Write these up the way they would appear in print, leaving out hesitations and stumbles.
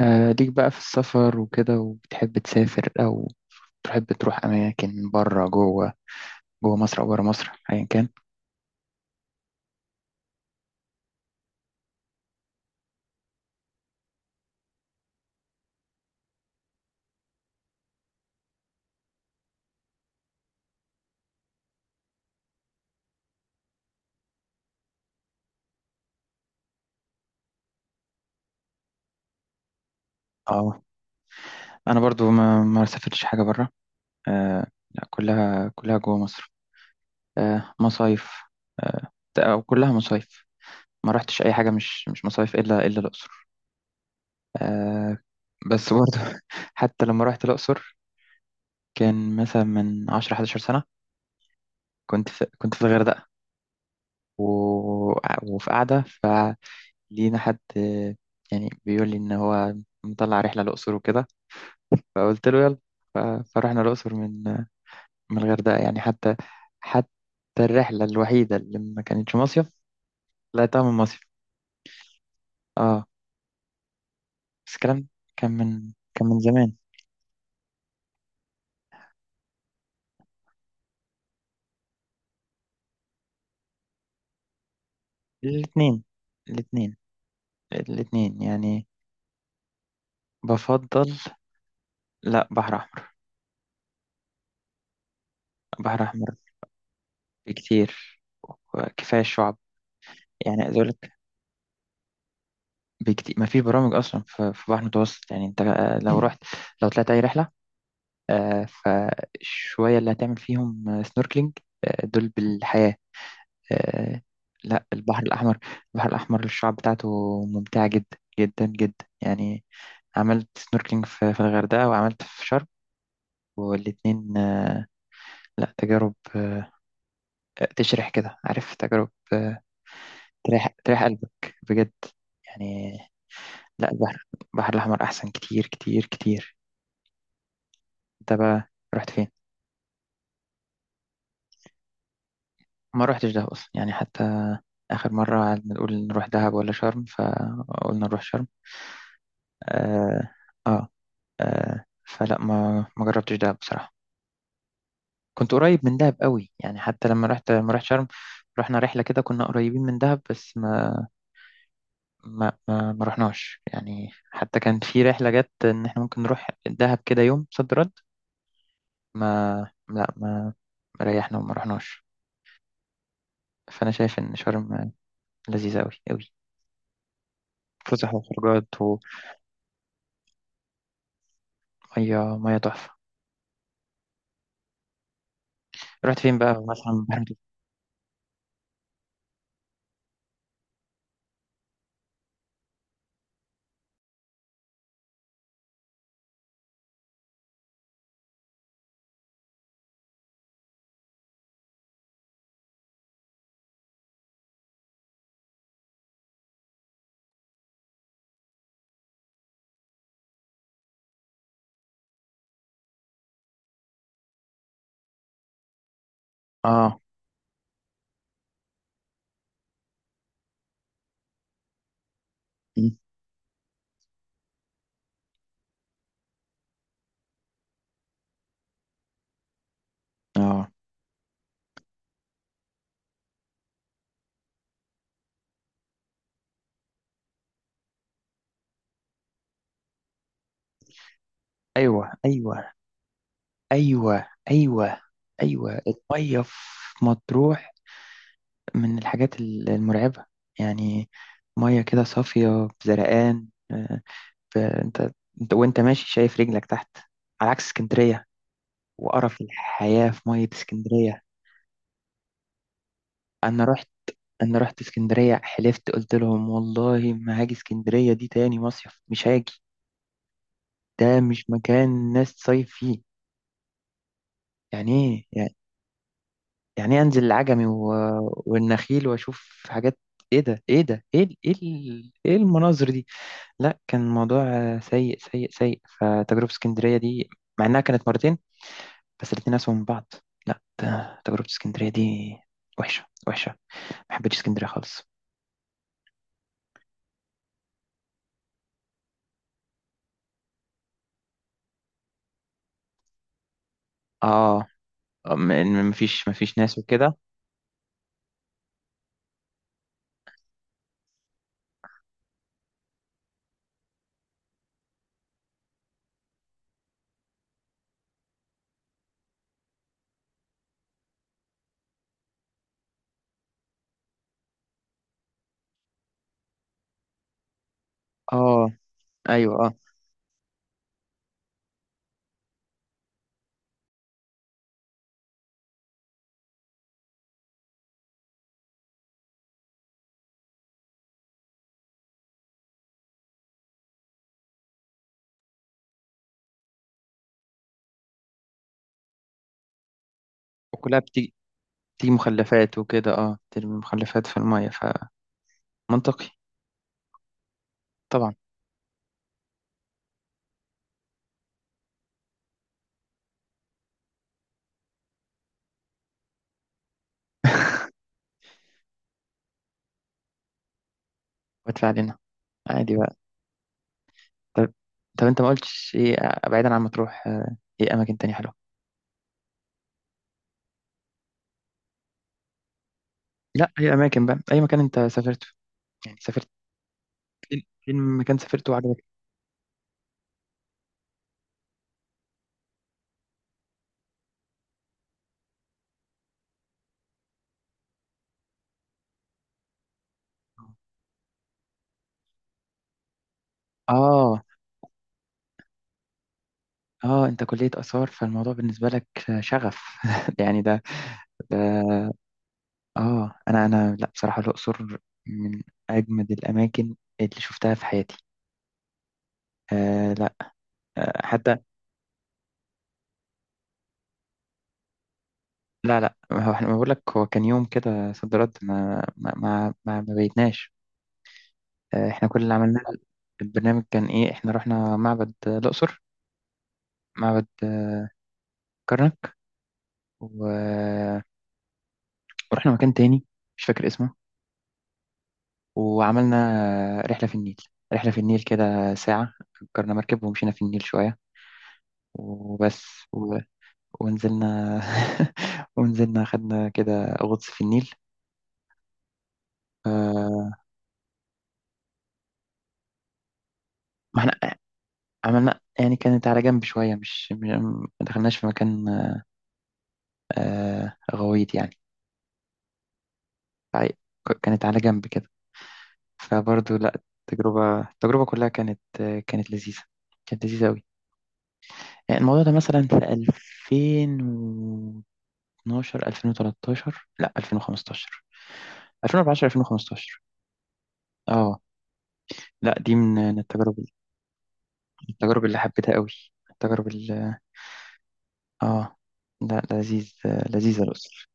آه ليك بقى في السفر وكده، وبتحب تسافر أو تحب تروح أماكن بره جوه؟ جوه مصر أو بره مصر أيا كان. اه أنا برضو ما سافرتش حاجة بره. آه لا، كلها جوه مصر. آه مصايف، آه أو كلها مصايف. ما رحتش أي حاجة مش مصايف إلا الأقصر. آه بس برضو. حتى لما رحت الأقصر، كان مثلا من 10 11 سنة. كنت في الغردقة و... وفي قاعدة لينا حد يعني بيقول لي ان هو مطلع رحله الاقصر وكده، فقلت له يلا. ف- فرحنا الاقصر من من الغردقه. يعني حتى الرحله الوحيده اللي ما كانتش مصيف، طلعتها من مصيف. اه بس الكلام كان من زمان. الاثنين، الاثنين، الاثنين يعني. بفضل، لا، بحر احمر. بحر احمر بكتير، وكفايه الشعب. يعني عايز اقول لك، بكتير ما فيش برامج اصلا في بحر متوسط. يعني انت لو رحت، لو طلعت اي رحله، فالشوية اللي هتعمل فيهم سنوركلينج دول بالحياة. آه، لا، البحر الأحمر. البحر الأحمر الشعاب بتاعته ممتعة جدا جدا جدا يعني. عملت سنوركلينج في الغردقة، وعملت في شرم. والاتنين لا تجارب، تشرح كده عارف، تجارب تريح قلبك بجد يعني. لا البحر، البحر الأحمر أحسن كتير كتير كتير. انت بقى رحت فين؟ ما روحتش دهب أصلا يعني. حتى آخر مرة قعدنا نقول نروح دهب ولا شرم، فقلنا نروح شرم. آه. آه. آه فلا ما جربتش دهب بصراحة. كنت قريب من دهب قوي، يعني حتى لما رحت شرم، رحنا رحلة كده كنا قريبين من دهب، بس ما رحناش. يعني حتى كان في رحلة جت إن إحنا ممكن نروح دهب كده يوم صد رد. ما لا، ما ريحنا وما رحناش. فأنا شايف إن شرم لذيذة قوي قوي، فسح وخروجات ومية مية تحفة. رحت فين بقى مثلا بحرم اه. م. اه ايوه ايوه ايوه ايوه. ايوه الميه في مطروح من الحاجات المرعبه يعني. ميه كده صافيه بزرقان، فانت، وانت ماشي شايف رجلك تحت، على عكس اسكندريه وقرف الحياه في ميه اسكندريه. انا رحت انا رحت اسكندريه، حلفت قلت لهم والله ما هاجي اسكندريه دي تاني. مصيف مش هاجي، ده مش مكان ناس تصيف فيه يعني. ايه يعني إيه، انزل العجمي والنخيل واشوف حاجات؟ ايه ده، ايه ده، ايه ايه ايه المناظر دي؟ لا كان الموضوع سيء سيء سيء، فتجربة اسكندرية دي مع انها كانت مرتين، بس الاتنين اسوأ من بعض. لا تجربة اسكندرية دي وحشة وحشة، ما حبيتش اسكندرية خالص. اه م- مفيش ناس وكده. اه ايوه اه. وكلها بتيجي، بتيجي مخلفات وكده، اه ترمي مخلفات في المية. فمنطقي. طبعا. وادفع لنا، عادي بقى. طب، طب انت ما قلتش ايه بعيدا عن مطروح، ايه اماكن تانية حلوه؟ لا اي اماكن بقى، اي مكان انت سافرته. يعني سافرت فين، مكان سافرته وعجبك؟ اه اه، انت كليه اثار، فالموضوع بالنسبه لك شغف. يعني ده، ده، اه انا لا بصراحه الاقصر من اجمد الاماكن اللي شفتها في حياتي. آه لا، آه حتى، لا لا ما هو احنا بقول لك هو كان يوم كده صد رد، ما بيتناش. احنا كل اللي عملناه، البرنامج كان ايه؟ احنا رحنا معبد الأقصر، معبد كرنك و... ورحنا مكان تاني مش فاكر اسمه، وعملنا رحلة في النيل. كده ساعة أجرنا مركب ومشينا في النيل شوية وبس. و... ونزلنا، ونزلنا خدنا كده غطس في النيل. آه، ما احنا عملنا يعني، كانت على جنب شوية، ما دخلناش في مكان غويط يعني. فع- كانت على جنب كده. فبرضه لا، التجربة كلها كانت، كانت لذيذة، كانت لذيذة أوي. يعني الموضوع ده مثلا في 2012 2013 لا 2015 2014 2015. اه. لا دي من التجارب، التجارب اللي حبيتها أوي. التجارب اللي اه، لا لذيذ لذيذة الأسر.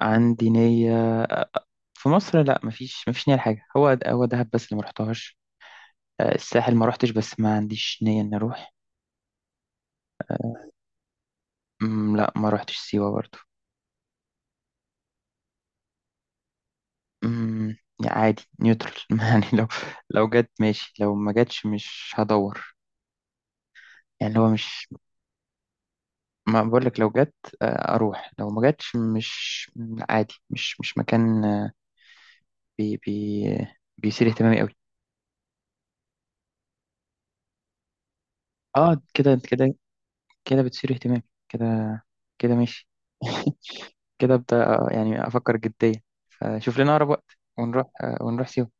عندي نية، في مصر لا، مفيش نية لحاجة. هو دهب بس اللي مرحتهاش، الساحل ما روحتش بس ما عنديش نية إني أروح. لا ما روحتش سيوة برضه. أمم، يعني عادي نيوترال. يعني لو، لو جت ماشي، لو ما جاتش مش هدور. يعني اللي هو مش، ما بقول لك لو جت، اروح، لو ما جاتش مش، عادي. مش مش مكان بي بي بيثير اهتمامي قوي. اه كده كده، كده بتثير اهتمامي، كده، كده ماشي. كده ابدا، يعني افكر جديا، فشوف لنا اقرب وقت ونروح، ونروح سيوه.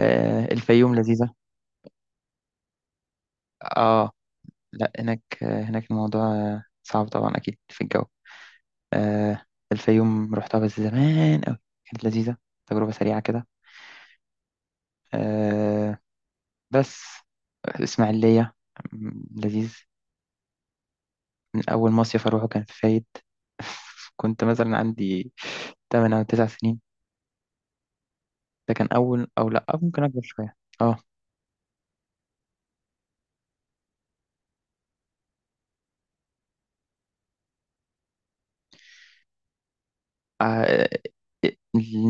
الفيوم لذيذة. اه لا هناك، هناك الموضوع صعب طبعا اكيد في الجو. آه. الفيوم رحتها بس زمان قوي، كانت لذيذة، تجربة سريعة كده. آه بس إسماعيلية لذيذ. من أول مصيف أروحه كان في فايد. كنت مثلا عندي 8 أو 9 سنين، ده كان أول، أو لأ أو ممكن أكبر شوية. أه. آه،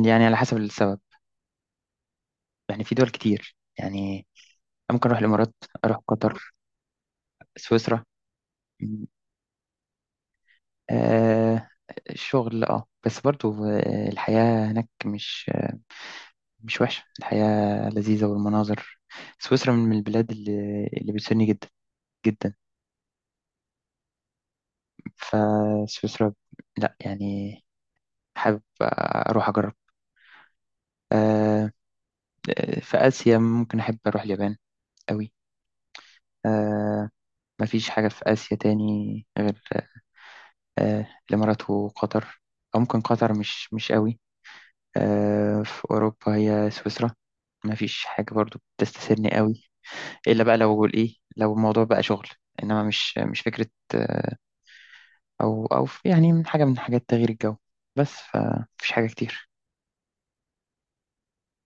يعني على حسب السبب. يعني في دول كتير يعني، ممكن أروح الإمارات، أروح قطر، سويسرا. م- آه الشغل أه، بس برضو الحياة هناك مش، مش وحشة. الحياة لذيذة والمناظر. سويسرا من البلاد اللي بتسني جدا جدا. فسويسرا لا يعني، حابب أروح أجرب. آه، في آسيا ممكن أحب أروح اليابان أوي. آه، مفيش حاجة في آسيا تاني غير الإمارات وقطر. أو ممكن قطر مش مش أوي. في أوروبا هي سويسرا، مفيش حاجة برضو بتستسرني أوي. إلا بقى لو إيه، لو الموضوع بقى شغل. إنما مش مش فكرة. او او يعني من حاجه، من حاجات تغيير الجو. بس فمفيش حاجه كتير.